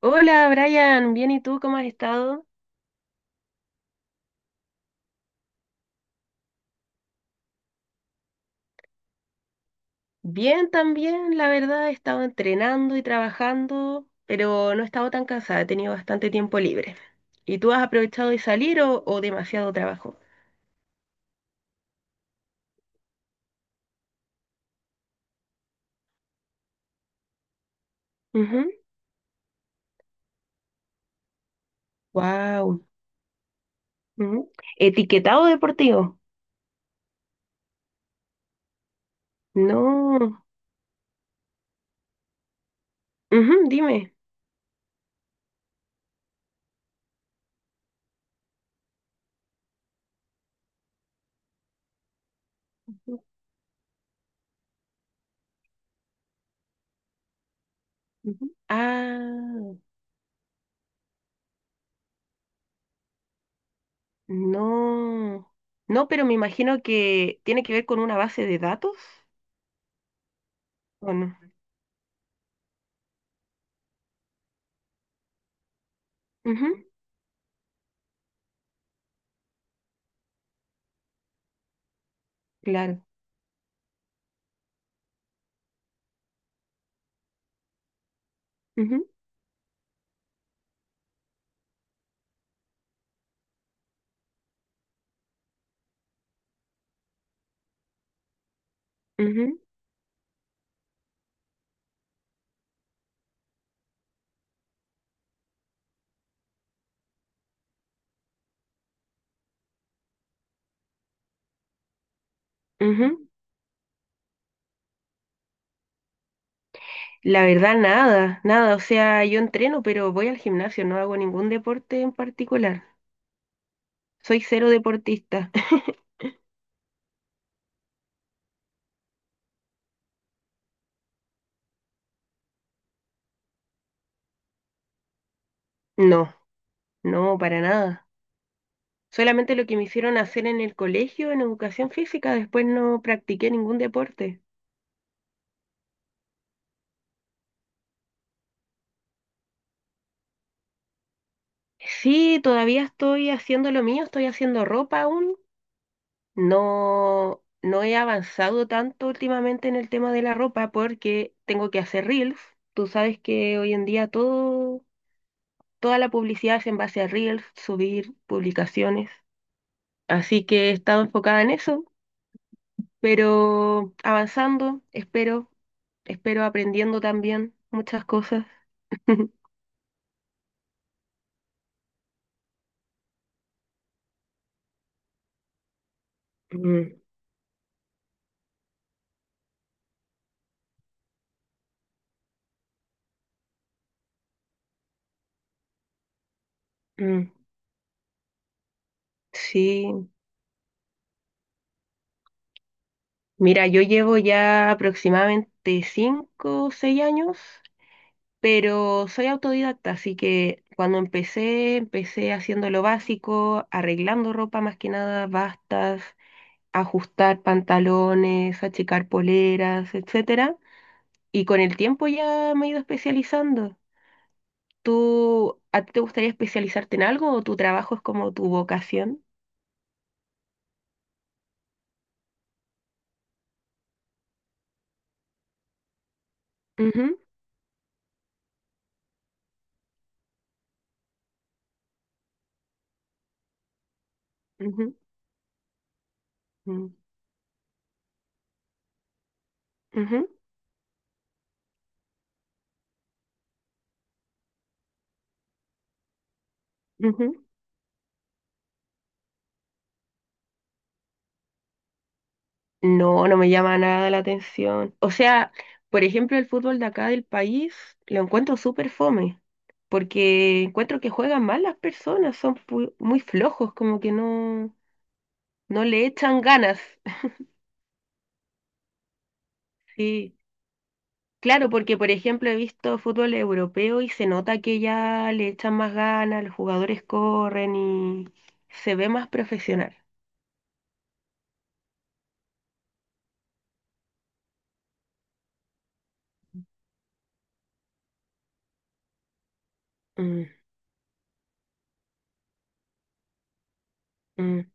Hola Brian, bien, ¿y tú cómo has estado? Bien también, la verdad, he estado entrenando y trabajando, pero no he estado tan cansada, he tenido bastante tiempo libre. ¿Y tú has aprovechado de salir o demasiado trabajo? Wow. ¿Etiquetado deportivo? No. Ujú, dime. Ujú. Ah, no. No, pero me imagino que tiene que ver con una base de datos, ¿o no? Ujú, claro. Ujú, ujú, ujú. La verdad, nada, nada. O sea, yo entreno, pero voy al gimnasio, no hago ningún deporte en particular. Soy cero deportista. No, no, para nada. Solamente lo que me hicieron hacer en el colegio, en educación física, después no practiqué ningún deporte. Sí, todavía estoy haciendo lo mío, estoy haciendo ropa aún. No, no he avanzado tanto últimamente en el tema de la ropa porque tengo que hacer reels. Tú sabes que hoy en día todo toda la publicidad es en base a Reels, subir publicaciones. Así que he estado enfocada en eso, pero avanzando, espero, aprendiendo también muchas cosas. Mm, mm. Sí, mira, yo llevo ya aproximadamente 5, o 6 años, pero soy autodidacta, así que cuando empecé, empecé haciendo lo básico, arreglando ropa más que nada, bastas, ajustar pantalones, achicar poleras, etcétera. Y con el tiempo ya me he ido especializando. ¿Tú, a ti te gustaría especializarte en algo o tu trabajo es como tu vocación? Ujú, ujú, mm, ujú, ujú. No, no me llama nada la atención. O sea, por ejemplo, el fútbol de acá del país lo encuentro súper fome, porque encuentro que juegan mal las personas, son muy flojos, como que no, no le echan ganas. Sí. Claro, porque por ejemplo he visto fútbol europeo y se nota que ya le echan más ganas, los jugadores corren y se ve más profesional. Mm, mm.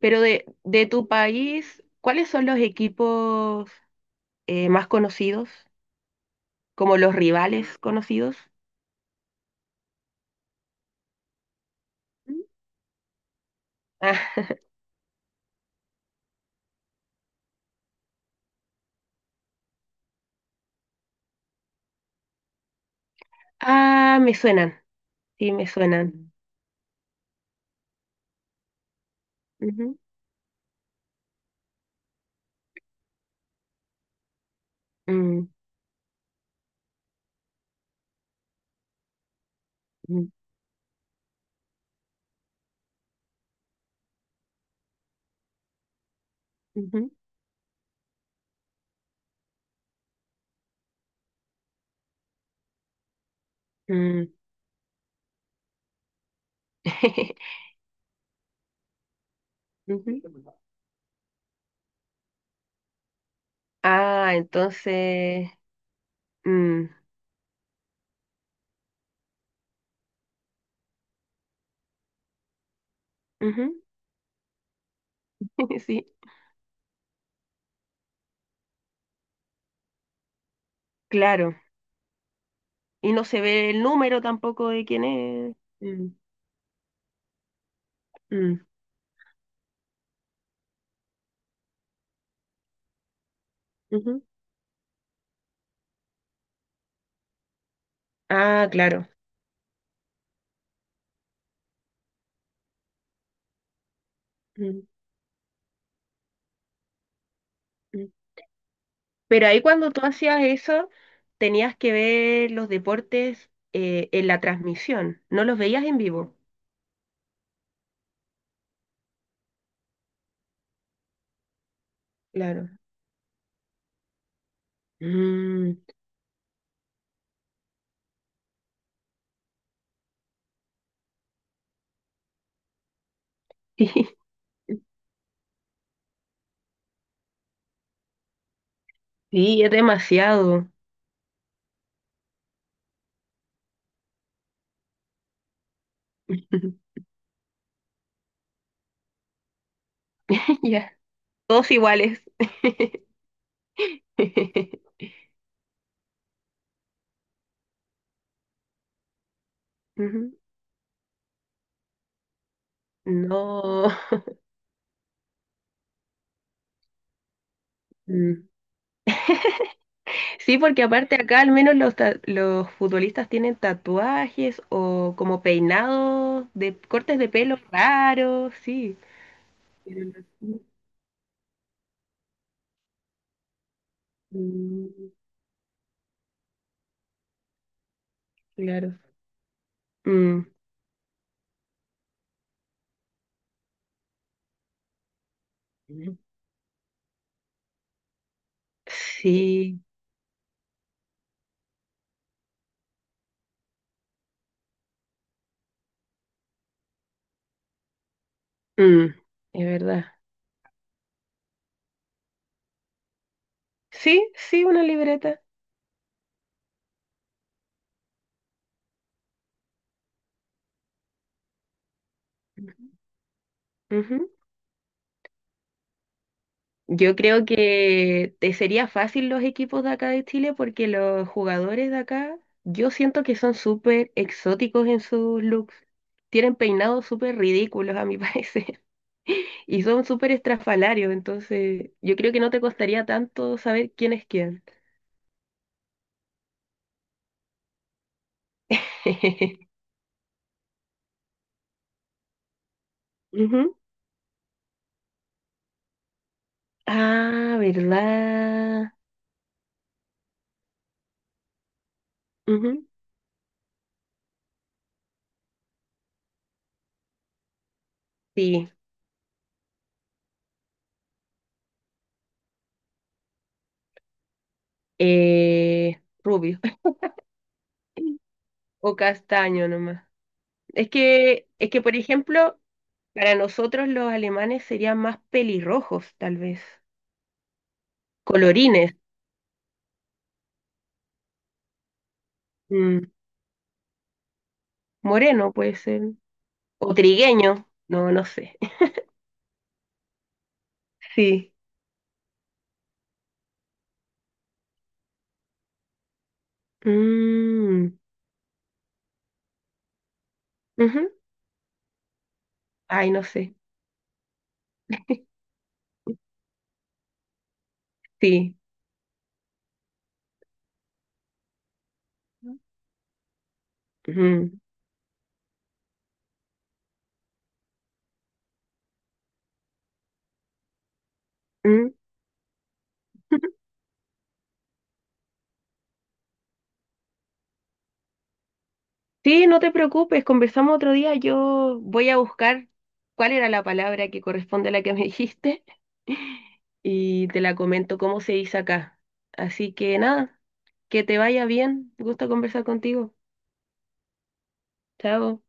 Pero de tu país, ¿cuáles son los equipos más conocidos? Como los rivales conocidos. Mm. Ah, ah, me suenan, sí, me suenan. Ujú, mm, mm, ujú, mm. Ujú. Ah, entonces... mm, ujú. Sí. Claro, y no se ve el número tampoco de quién es. Mm, mm, ujú. Ah, claro. Mm, mm. Pero ahí cuando tú hacías eso, tenías que ver los deportes en la transmisión, no los veías en vivo. Claro. Mm, sí, sí, es demasiado. Ya. Todos iguales. Ujú. No. Mm. Sí, porque aparte acá al menos los futbolistas tienen tatuajes o como peinados de cortes de pelo raros, sí. Pero los- Mm, claro. Mm, sí, mm, es verdad. Sí, sí, una libreta. Ujú. Yo creo que te sería fácil los equipos de acá de Chile porque los jugadores de acá, yo siento que son súper exóticos en sus looks. Tienen peinados súper ridículos a mi parecer y son súper estrafalarios, entonces yo creo que no te costaría tanto saber quién es quién. Ujú. Ah, ¿verdad? Ujú. Sí, rubio o castaño nomás. Es que, por ejemplo, para nosotros los alemanes serían más pelirrojos, tal vez. Colorines. Mm, moreno puede ser. O trigueño. No, no sé. Sí. Mm, ujú. Ay, no sé. Sí. Ujú. Mm. Sí, no te preocupes, conversamos otro día. Yo voy a buscar cuál era la palabra que corresponde a la que me dijiste y te la comento cómo se dice acá. Así que nada, que te vaya bien. Gusto conversar contigo. Chao.